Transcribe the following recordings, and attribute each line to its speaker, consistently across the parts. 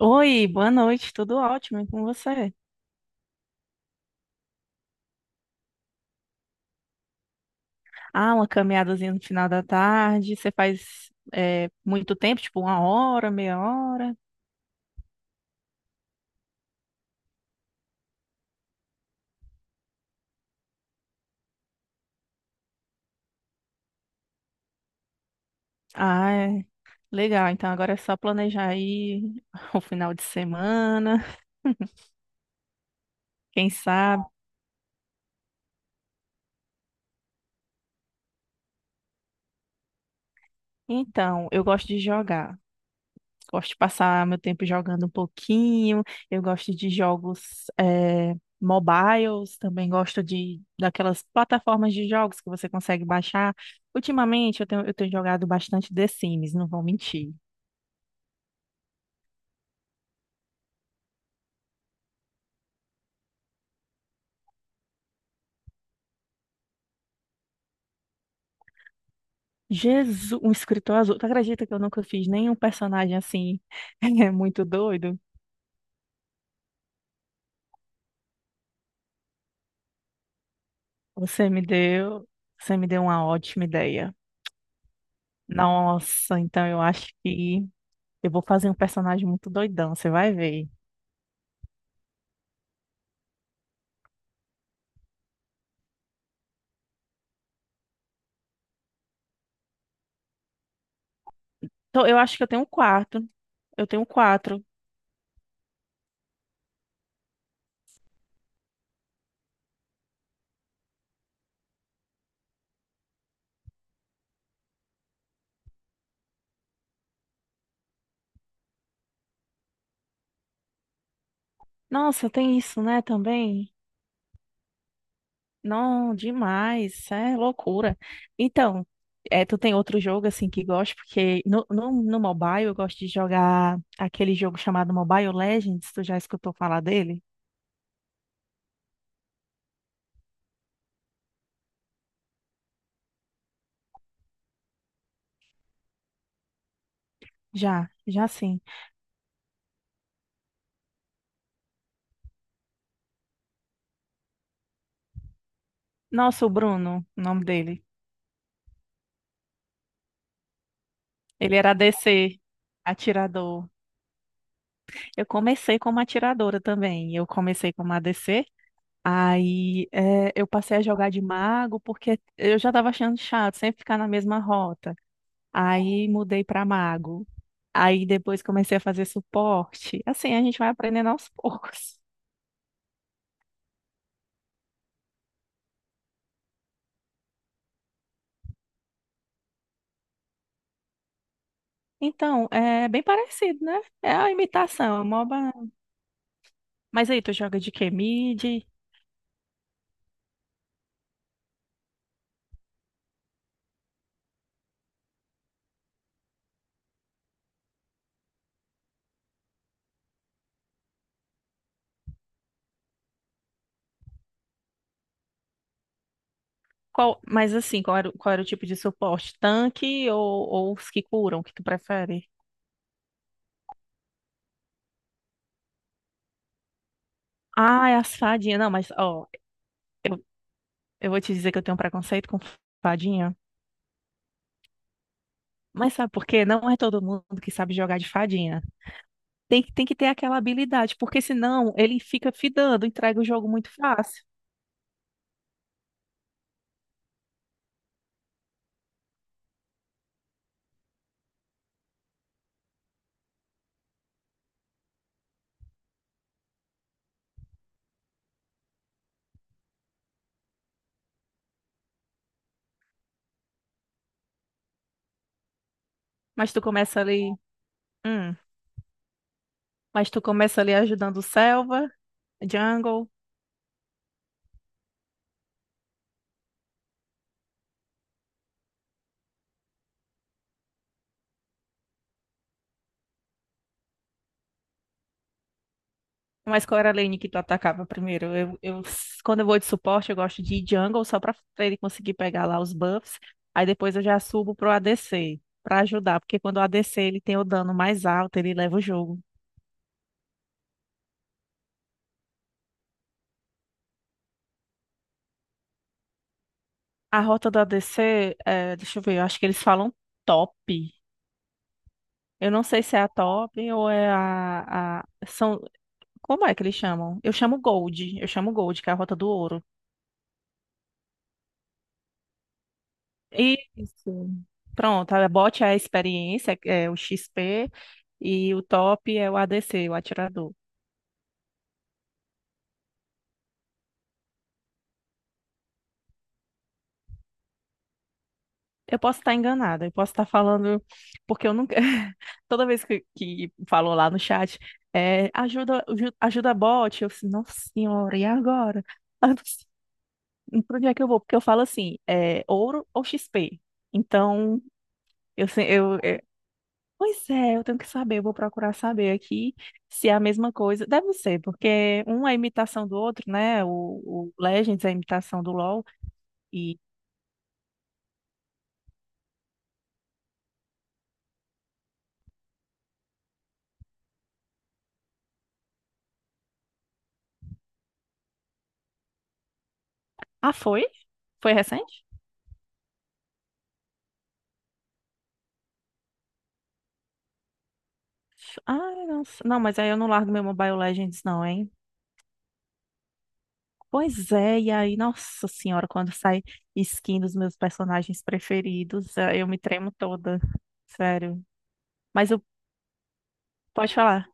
Speaker 1: Oi, boa noite, tudo ótimo, e com você? Ah, uma caminhadazinha no final da tarde, você faz é, muito tempo, tipo uma hora, meia hora? Ah, é, legal, então agora é só planejar aí o final de semana, quem sabe? Então, eu gosto de jogar, gosto de passar meu tempo jogando um pouquinho. Eu gosto de jogos mobiles, também gosto de daquelas plataformas de jogos que você consegue baixar. Ultimamente eu tenho jogado bastante The Sims, não vou mentir. Jesus, um escritor azul. Tu acredita que eu nunca fiz nenhum personagem assim? É muito doido. Você me deu, você me deu uma ótima ideia. Nossa, então eu acho que eu vou fazer um personagem muito doidão, você vai ver. Então, eu acho que eu tenho um quarto. Eu tenho quatro. Nossa, tem isso, né, também? Não, demais. Isso é loucura. Então, é, tu tem outro jogo, assim, que gosta? Porque no mobile eu gosto de jogar aquele jogo chamado Mobile Legends. Tu já escutou falar dele? Já, já sim. Nossa, o Bruno, o nome dele. Ele era ADC, atirador. Eu comecei como atiradora também. Eu comecei como ADC. Eu passei a jogar de mago porque eu já estava achando chato sempre ficar na mesma rota. Aí mudei para mago. Aí depois comecei a fazer suporte. Assim, a gente vai aprendendo aos poucos. Então, é bem parecido, né? É a imitação, é uma oba- Mas aí, tu joga de quê? Mid? Qual... Mas assim, qual era o tipo de suporte? Tanque ou os que curam, que tu prefere? Ah, é as fadinhas. Não, mas ó, eu vou te dizer que eu tenho um preconceito com fadinha. Mas sabe por quê? Não é todo mundo que sabe jogar de fadinha. Tem que ter aquela habilidade, porque senão ele fica fidando, entrega o jogo muito fácil. Mas tu começa ali. hum, mas tu começa ali ajudando o Selva, Jungle. Mas qual era a lane que tu atacava primeiro? Quando eu vou de suporte, eu gosto de ir Jungle só pra ele conseguir pegar lá os buffs. Aí depois eu já subo pro ADC pra ajudar, porque quando o ADC ele tem o dano mais alto, ele leva o jogo. A rota do ADC, é, deixa eu ver, eu acho que eles falam top. Eu não sei se é a top ou é a. São... Como é que eles chamam? Eu chamo Gold. Eu chamo Gold, que é a Rota do Ouro. Isso. Pronto, a bot é a experiência, é o XP, e o top é o ADC, o atirador. Eu posso estar enganada, eu posso estar falando, porque eu nunca. Toda vez que falou lá no chat, é, ajuda, ajuda a bot, eu disse, nossa senhora, e agora? Ah, pra onde é que eu vou? Porque eu falo assim, é ouro ou XP. Então. Eu, se- eu, é, pois é, eu tenho que saber, eu vou procurar saber aqui se é a mesma coisa. Deve ser, porque um é imitação do outro, né? O Legends é imitação do LoL e... Ah, foi? Foi recente? Ah, nossa. Não, mas aí eu não largo meu Mobile Legends não, hein? Pois é, e aí, nossa senhora, quando sai skin dos meus personagens preferidos, eu me tremo toda. Sério. Mas eu... Pode falar.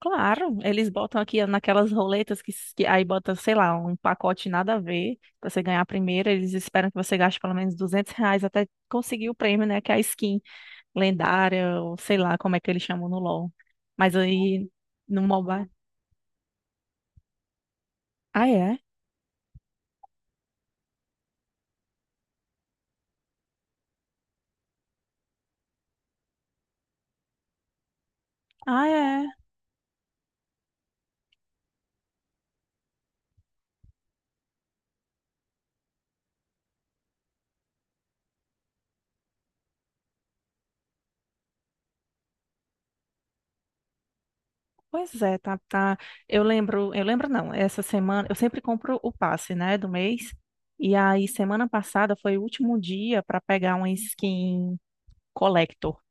Speaker 1: Claro, eles botam aqui naquelas roletas que aí bota, sei lá, um pacote nada a ver, pra você ganhar a primeira, eles esperam que você gaste pelo menos R$ 200 até conseguir o prêmio, né, que é a skin lendária, ou sei lá como é que eles chamam no LoL. Mas aí, no mobile... Ah, é? Ah, é? Pois é, tá, tá. Eu lembro não, essa semana, eu sempre compro o passe, né, do mês, e aí semana passada foi o último dia pra pegar uma skin... Collector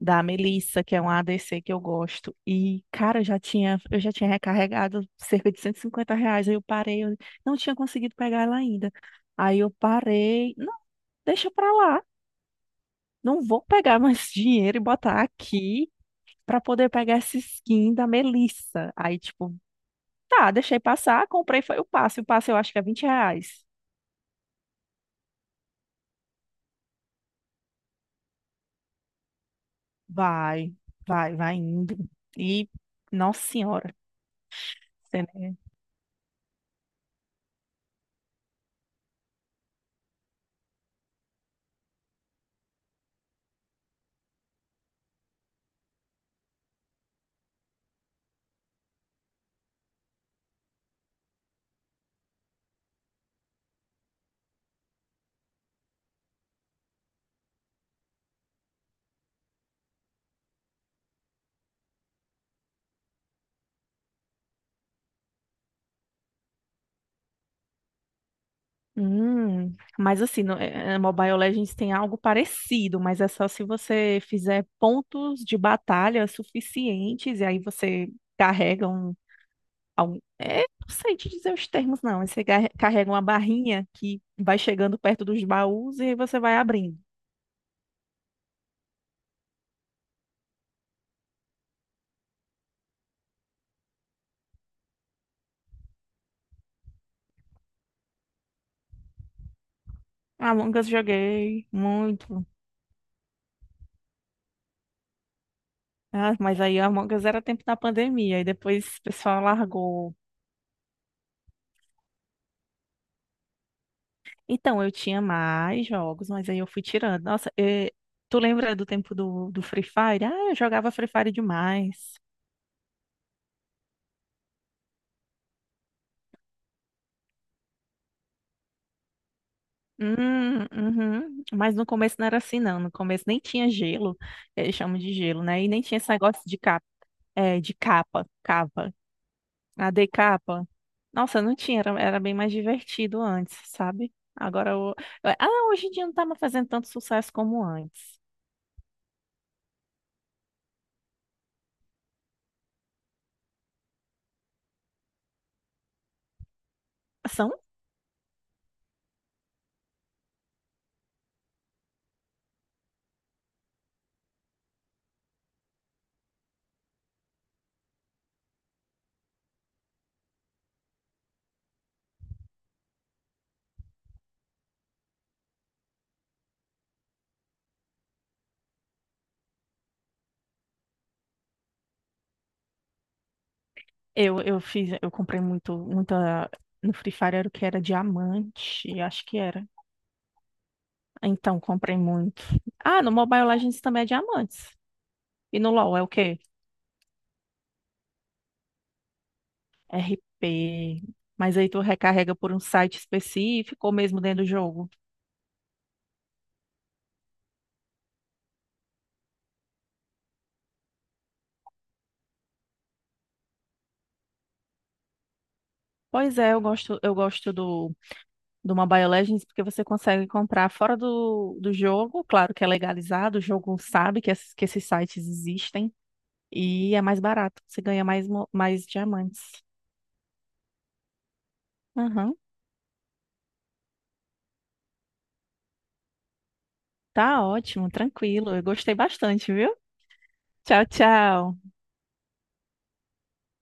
Speaker 1: da Melissa, que é um ADC que eu gosto. E, cara, eu já tinha recarregado cerca de R$ 150. Aí eu parei, eu não tinha conseguido pegar ela ainda. Aí eu parei, não, deixa pra lá. Não vou pegar mais dinheiro e botar aqui pra poder pegar essa skin da Melissa. Aí, tipo, tá, deixei passar, comprei, foi o passe. O passe eu acho que é R$ 20. Vai, vai indo. E, nossa senhora. Mas assim, no, eh, eh, Mobile Legends tem algo parecido, mas é só se você fizer pontos de batalha suficientes e aí você carrega um, é, não sei te dizer os termos não, mas você carrega uma barrinha que vai chegando perto dos baús e aí você vai abrindo. Among Us joguei muito, ah, mas aí Among Us era tempo da pandemia e depois o pessoal largou. Então, eu tinha mais jogos, mas aí eu fui tirando. Nossa, tu lembra do tempo do Free Fire? Ah, eu jogava Free Fire demais. Uhum. Mas no começo não era assim, não. No começo nem tinha gelo, eles chamam de gelo, né? E nem tinha esse negócio de capa, é, de capa, AD capa. Nossa, não tinha, era, era bem mais divertido antes, sabe? Agora, o- ah, hoje em dia não tá mais fazendo tanto sucesso como antes. São. Eu comprei muito, muita no Free Fire era o que era diamante, acho que era. Então, comprei muito. Ah, no Mobile Legends também é diamantes. E no LoL é o quê? RP. Mas aí tu recarrega por um site específico ou mesmo dentro do jogo. Pois é, eu gosto do Mobile Legends porque você consegue comprar fora do jogo. Claro que é legalizado, o jogo sabe que esses sites existem. E é mais barato, você ganha mais, mais diamantes. Aham. Tá ótimo, tranquilo. Eu gostei bastante, viu? Tchau, tchau.